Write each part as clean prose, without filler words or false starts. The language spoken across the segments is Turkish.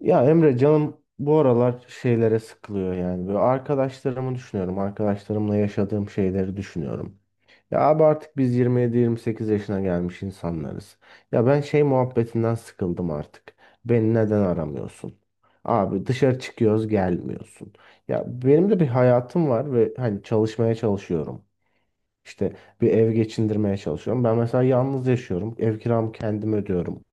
Ya Emre canım bu aralar şeylere sıkılıyor yani. Böyle arkadaşlarımı düşünüyorum. Arkadaşlarımla yaşadığım şeyleri düşünüyorum. Ya abi artık biz 27-28 yaşına gelmiş insanlarız. Ya ben şey muhabbetinden sıkıldım artık. Beni neden aramıyorsun? Abi dışarı çıkıyoruz gelmiyorsun. Ya benim de bir hayatım var ve hani çalışmaya çalışıyorum. İşte bir ev geçindirmeye çalışıyorum. Ben mesela yalnız yaşıyorum. Ev kiramı kendim ödüyorum.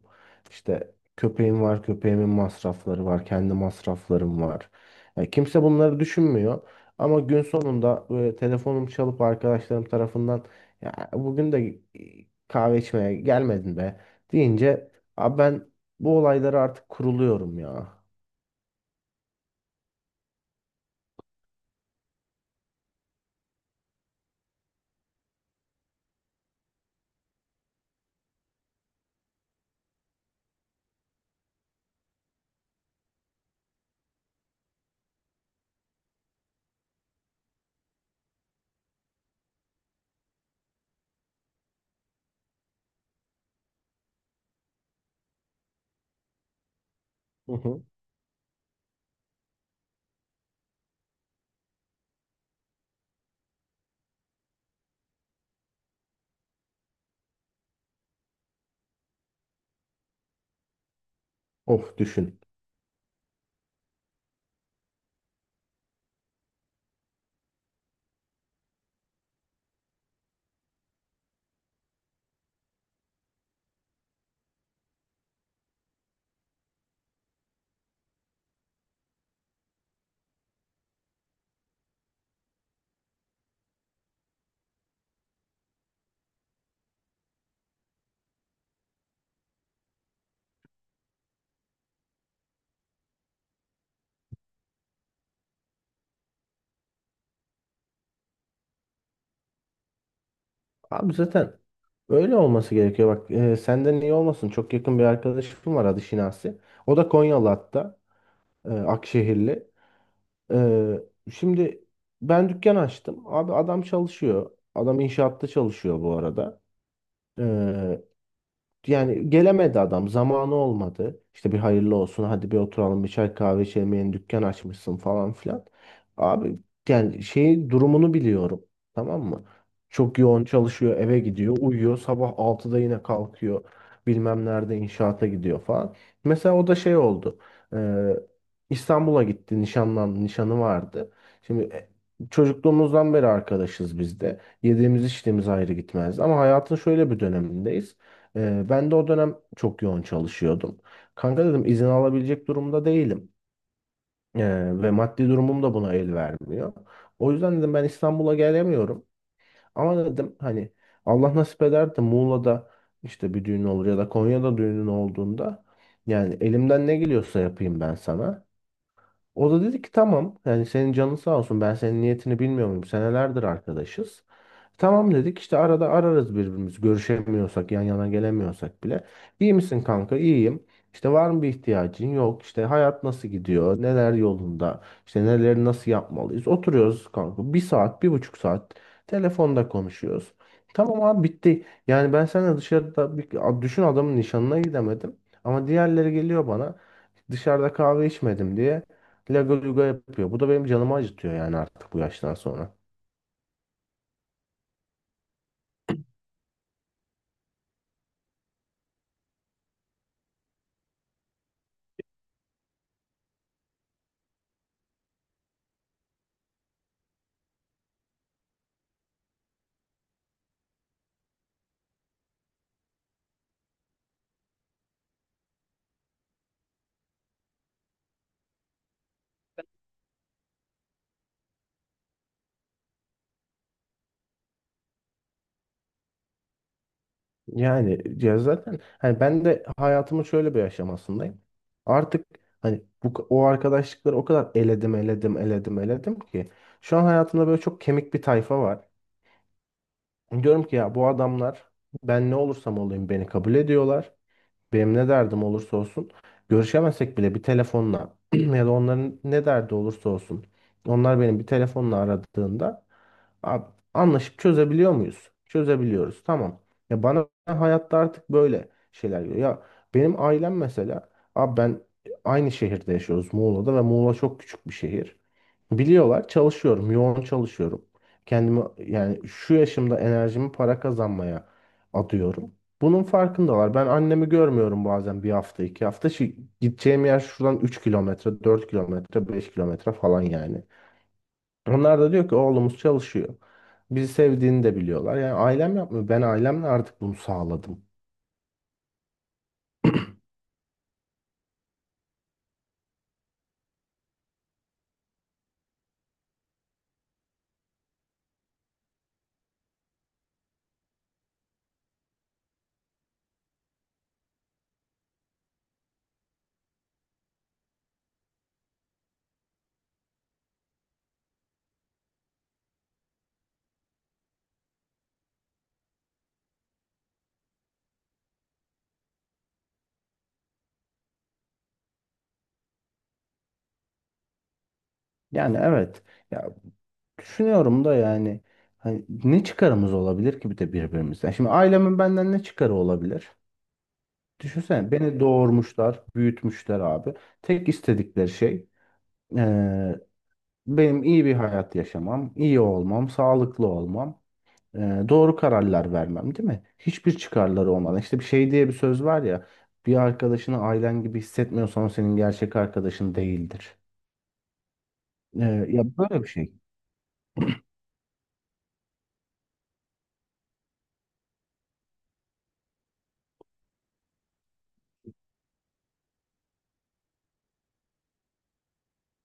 İşte köpeğim var, köpeğimin masrafları var, kendi masraflarım var. Yani kimse bunları düşünmüyor. Ama gün sonunda böyle telefonum çalıp arkadaşlarım tarafından ya bugün de kahve içmeye gelmedin be deyince abi ben bu olaylara artık kuruluyorum ya. Hı hı. Of düşün. Abi zaten öyle olması gerekiyor. Bak senden iyi olmasın. Çok yakın bir arkadaşım var adı Şinasi. O da Konyalı hatta. Akşehirli. E, şimdi ben dükkan açtım. Abi adam çalışıyor. Adam inşaatta çalışıyor bu arada. E, yani gelemedi adam. Zamanı olmadı. İşte bir hayırlı olsun. Hadi bir oturalım bir çay kahve içelim. Yeni dükkan açmışsın falan filan. Abi yani şeyin durumunu biliyorum. Tamam mı? Çok yoğun çalışıyor. Eve gidiyor. Uyuyor. Sabah 6'da yine kalkıyor. Bilmem nerede inşaata gidiyor falan. Mesela o da şey oldu. Ee, İstanbul'a gitti. Nişanlandı. Nişanı vardı. Şimdi çocukluğumuzdan beri arkadaşız biz de. Yediğimiz içtiğimiz ayrı gitmez. Ama hayatın şöyle bir dönemindeyiz. Ben de o dönem çok yoğun çalışıyordum. Kanka dedim izin alabilecek durumda değilim. Ve maddi durumum da buna el vermiyor. O yüzden dedim ben İstanbul'a gelemiyorum. Ama dedim hani Allah nasip eder de Muğla'da işte bir düğün olur ya da Konya'da düğünün olduğunda yani elimden ne geliyorsa yapayım ben sana. O da dedi ki tamam yani senin canın sağ olsun ben senin niyetini bilmiyor muyum senelerdir arkadaşız. Tamam dedik işte arada ararız birbirimizi görüşemiyorsak yan yana gelemiyorsak bile. İyi misin kanka? İyiyim. İşte var mı bir ihtiyacın? Yok. İşte hayat nasıl gidiyor? Neler yolunda? İşte neleri nasıl yapmalıyız? Oturuyoruz kanka. Bir saat, bir buçuk saat telefonda konuşuyoruz. Tamam abi bitti. Yani ben seninle dışarıda bir, düşün adamın nişanına gidemedim. Ama diğerleri geliyor bana dışarıda kahve içmedim diye laga luga yapıyor. Bu da benim canımı acıtıyor yani artık bu yaştan sonra. Yani ya zaten hani ben de hayatımın şöyle bir aşamasındayım. Artık hani bu o arkadaşlıkları o kadar eledim eledim eledim eledim ki şu an hayatımda böyle çok kemik bir tayfa var. Diyorum ki ya bu adamlar ben ne olursam olayım beni kabul ediyorlar. Benim ne derdim olursa olsun görüşemesek bile bir telefonla ya da onların ne derdi olursa olsun onlar benim bir telefonla aradığında "Abi, anlaşıp çözebiliyor muyuz? Çözebiliyoruz. Tamam. Ya bana hayatta artık böyle şeyler geliyor. Ya benim ailem mesela abi ben aynı şehirde yaşıyoruz Muğla'da ve Muğla çok küçük bir şehir. Biliyorlar çalışıyorum, yoğun çalışıyorum. Kendimi yani şu yaşımda enerjimi para kazanmaya adıyorum. Bunun farkındalar. Ben annemi görmüyorum bazen bir hafta, 2 hafta. Gideceğim yer şuradan 3 kilometre, 4 kilometre, 5 kilometre falan yani. Onlar da diyor ki oğlumuz çalışıyor. Bizi sevdiğini de biliyorlar. Yani ailem yapmıyor. Ben ailemle artık bunu sağladım. Yani evet. Ya düşünüyorum da yani hani ne çıkarımız olabilir ki bir de birbirimize? Şimdi ailemin benden ne çıkarı olabilir? Düşünsene beni doğurmuşlar, büyütmüşler abi. Tek istedikleri şey eee, benim iyi bir hayat yaşamam, iyi olmam, sağlıklı olmam, doğru kararlar vermem, değil mi? Hiçbir çıkarları olmadan. İşte bir şey diye bir söz var ya, bir arkadaşını ailen gibi hissetmiyorsan o senin gerçek arkadaşın değildir. Ya böyle bir şey.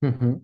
Hı hı.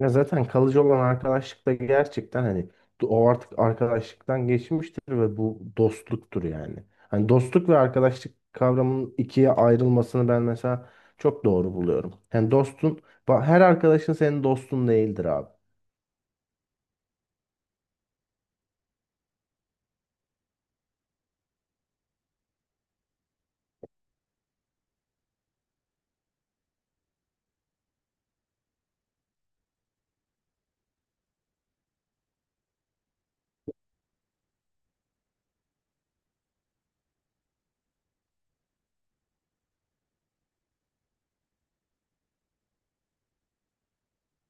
Ya zaten kalıcı olan arkadaşlık da gerçekten hani o artık arkadaşlıktan geçmiştir ve bu dostluktur yani. Hani dostluk ve arkadaşlık kavramının ikiye ayrılmasını ben mesela çok doğru buluyorum. Yani dostun, her arkadaşın senin dostun değildir abi.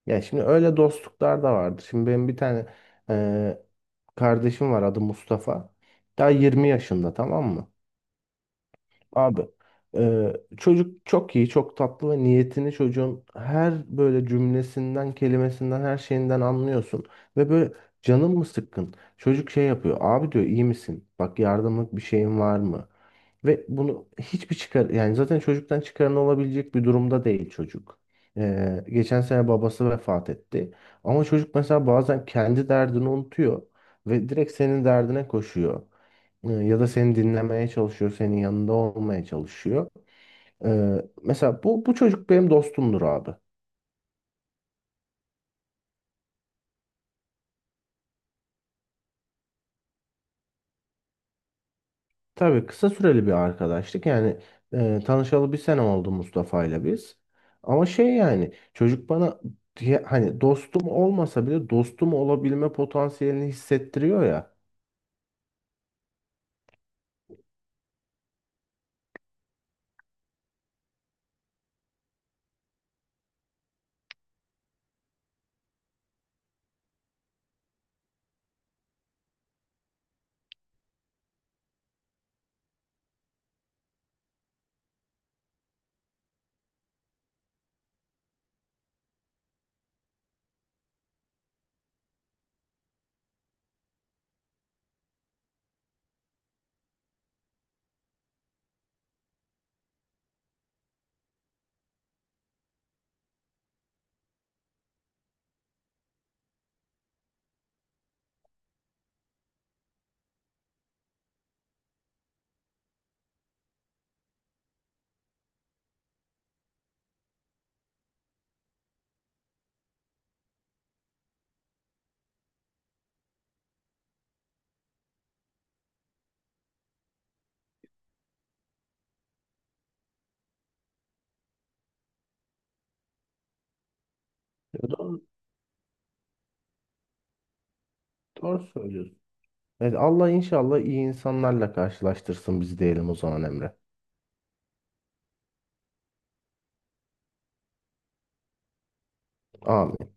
Ya şimdi öyle dostluklar da vardır. Şimdi benim bir tane e, kardeşim var adı Mustafa. Daha 20 yaşında tamam mı? Abi çocuk çok iyi, çok tatlı ve niyetini çocuğun her böyle cümlesinden, kelimesinden, her şeyinden anlıyorsun. Ve böyle canın mı sıkkın? Çocuk şey yapıyor. Abi diyor iyi misin? Bak yardımlık bir şeyin var mı? Ve bunu hiçbir çıkar yani zaten çocuktan çıkarın olabilecek bir durumda değil çocuk. Geçen sene babası vefat etti. Ama çocuk mesela bazen kendi derdini unutuyor ve direkt senin derdine koşuyor. Ya da seni dinlemeye çalışıyor, senin yanında olmaya çalışıyor. Mesela bu çocuk benim dostumdur abi. Tabii kısa süreli bir arkadaşlık. Yani tanışalı bir sene oldu Mustafa ile biz. Ama şey yani çocuk bana diye, hani dostum olmasa bile dostum olabilme potansiyelini hissettiriyor ya. Doğru, doğru söylüyorsun. Evet, Allah inşallah iyi insanlarla karşılaştırsın bizi diyelim o zaman Emre. Amin.